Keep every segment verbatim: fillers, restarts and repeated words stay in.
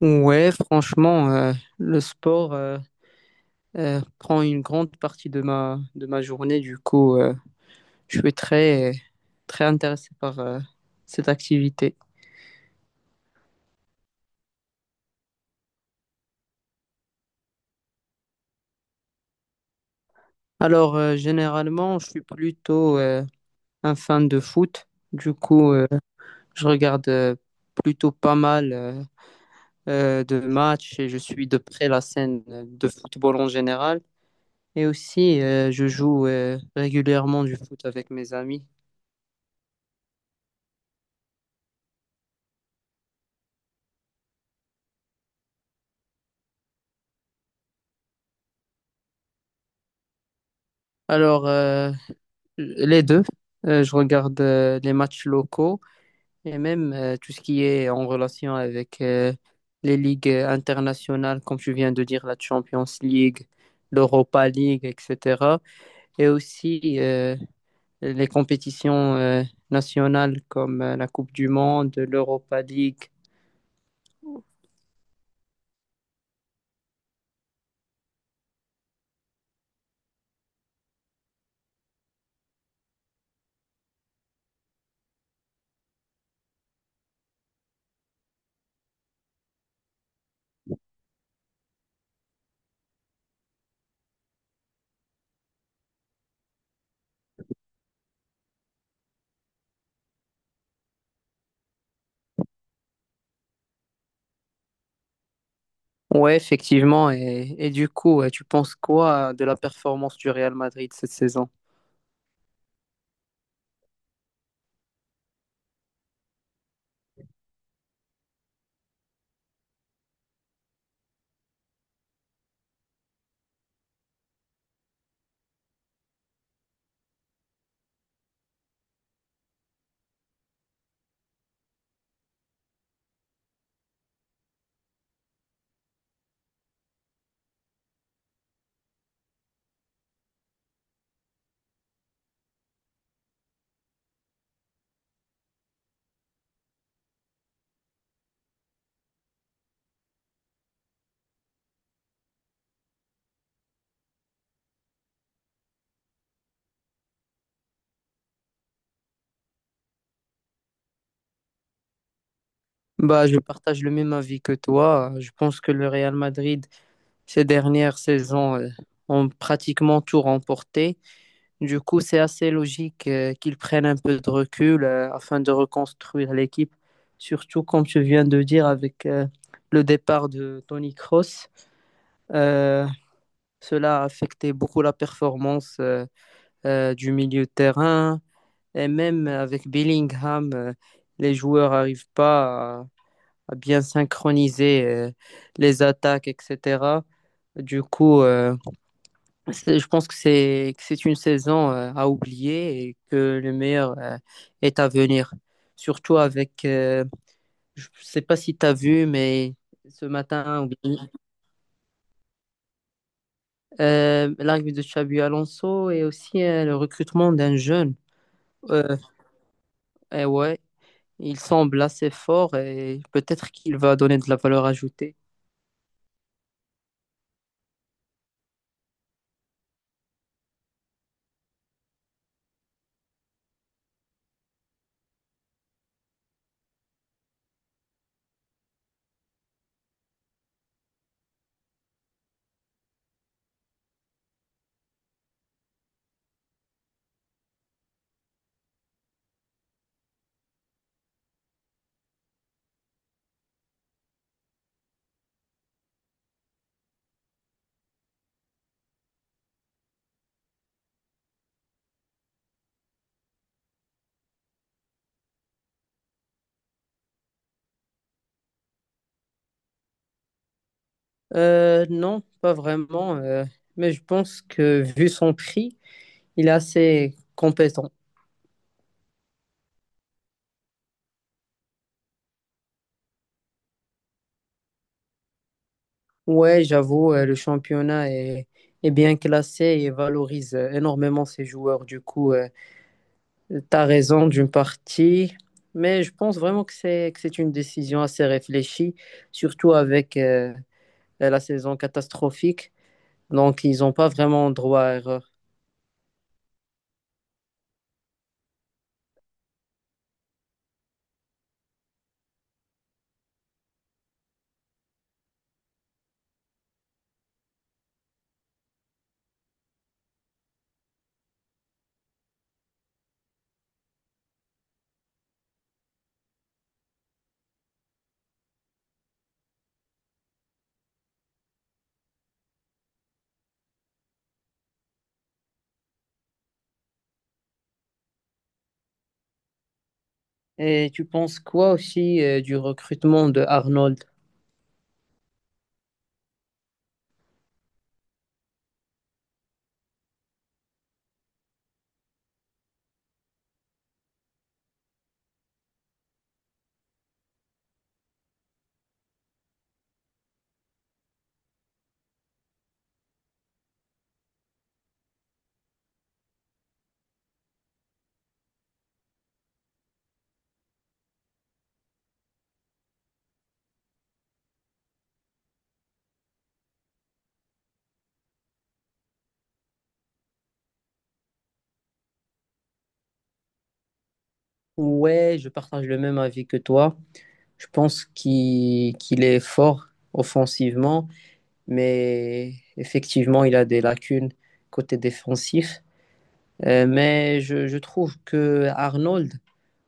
Ouais, franchement, euh, le sport euh, euh, prend une grande partie de ma, de ma journée. Du coup, euh, je suis très, très intéressé par euh, cette activité. Alors, euh, généralement, je suis plutôt euh, un fan de foot. Du coup, euh, je regarde euh, plutôt pas mal euh, euh, de matchs et je suis de près la scène euh, de football en général. Et aussi, euh, je joue euh, régulièrement du foot avec mes amis. Alors, euh, les deux. Euh, je regarde euh, les matchs locaux et même euh, tout ce qui est en relation avec euh, les ligues internationales, comme tu viens de dire, la Champions League, l'Europa League, et cetera. Et aussi euh, les compétitions euh, nationales comme euh, la Coupe du Monde, l'Europa League. Ouais, effectivement. Et, et du coup, euh, tu penses quoi de la performance du Real Madrid cette saison? Bah, je partage le même avis que toi. Je pense que le Real Madrid ces dernières saisons euh, ont pratiquement tout remporté. Du coup, c'est assez logique euh, qu'ils prennent un peu de recul euh, afin de reconstruire l'équipe, surtout comme tu viens de dire avec euh, le départ de Tony Cross. Cela a affecté beaucoup la performance euh, euh, du milieu de terrain et même avec Bellingham, euh, les joueurs n'arrivent pas à, à bien synchroniser euh, les attaques, et cetera. Du coup, euh, c'est- Je pense que c'est que c'est une saison euh, à oublier et que le meilleur euh, est à venir. Surtout avec, euh, je sais pas si tu as vu, mais ce matin, ou bien, euh, l'arrivée de Xabi Alonso et aussi euh, le recrutement d'un jeune. Euh, eh ouais, il semble assez fort et peut-être qu'il va donner de la valeur ajoutée. Euh, non, pas vraiment, euh, mais je pense que vu son prix, il est assez compétent. Ouais, j'avoue, euh, le championnat est, est bien classé et valorise euh, énormément ses joueurs. Du coup, euh, t'as raison d'une partie, mais je pense vraiment que c'est que c'est une décision assez réfléchie, surtout avec euh, la saison catastrophique. Donc, ils n'ont pas vraiment droit à erreur. Et tu penses quoi aussi euh, du recrutement de Arnold? Ouais, je partage le même avis que toi. Je pense qu'il qu'il est fort offensivement, mais effectivement, il a des lacunes côté défensif. Euh, mais je, je trouve que Arnold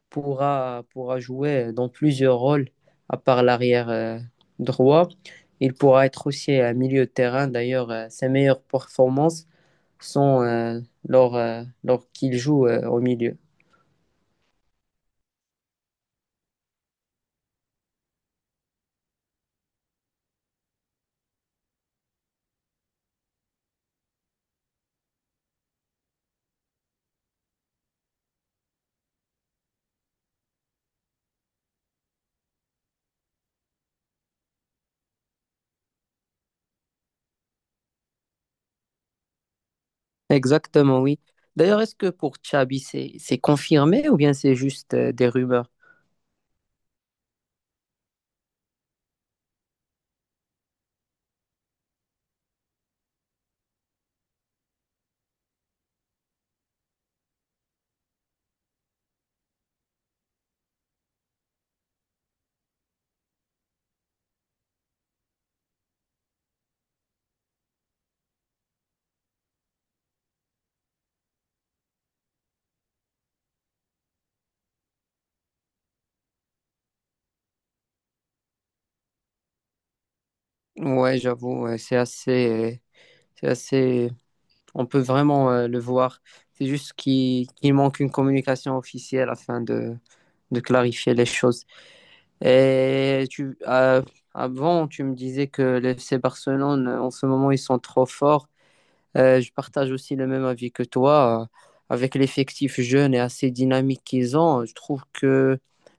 pourra, pourra jouer dans plusieurs rôles, à part l'arrière euh, droit. Il pourra être aussi à milieu de terrain. D'ailleurs, euh, ses meilleures performances sont euh, lors, euh, lors qu'il joue euh, au milieu. Exactement, oui. D'ailleurs, est-ce que pour Xabi, c'est c'est confirmé ou bien c'est juste euh, des rumeurs? Ouais, j'avoue, ouais, c'est assez, c'est assez. On peut vraiment euh, le voir. C'est juste qu'il qu'il manque une communication officielle afin de, de clarifier les choses. Et tu, euh, avant, tu me disais que le F C Barcelone, euh, en ce moment, ils sont trop forts. Euh, je partage aussi le même avis que toi. Euh, Avec l'effectif jeune et assez dynamique qu'ils ont, je trouve que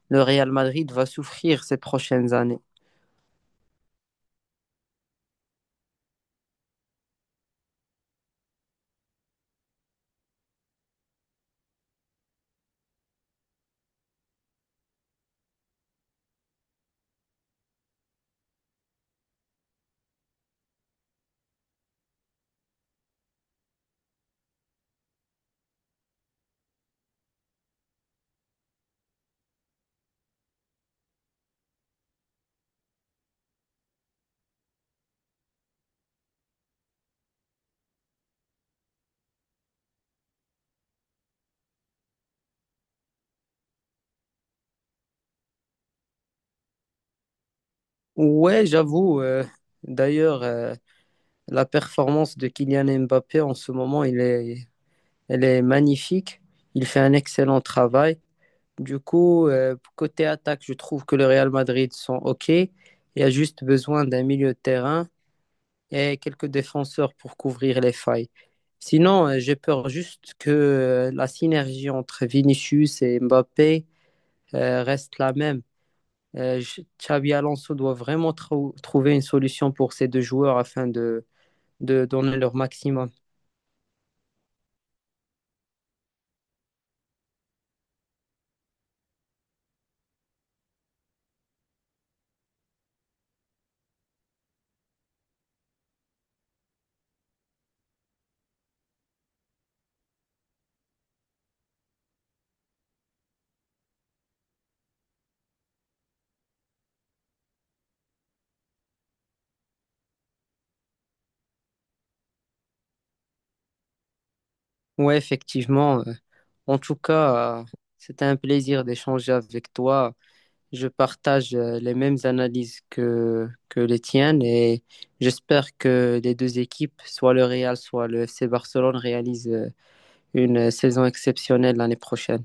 le Real Madrid va souffrir ces prochaines années. Ouais, j'avoue. euh, d'ailleurs, euh, la performance de Kylian Mbappé en ce moment, il est, elle est magnifique. Il fait un excellent travail. Du coup, euh, côté attaque, je trouve que le Real Madrid sont OK. Il y a juste besoin d'un milieu de terrain et quelques défenseurs pour couvrir les failles. Sinon, euh, j'ai peur juste que euh, la synergie entre Vinicius et Mbappé euh, reste la même. Euh, Ch- Xabi Alonso doit vraiment trou- trouver une solution pour ces deux joueurs afin de, de donner leur maximum. Oui, effectivement. euh, En tout cas, euh, c'était un plaisir d'échanger avec toi. Je partage euh, les mêmes analyses que, que les tiennes et j'espère que les deux équipes, soit le Real, soit le F C Barcelone, réalisent euh, une euh, saison exceptionnelle l'année prochaine.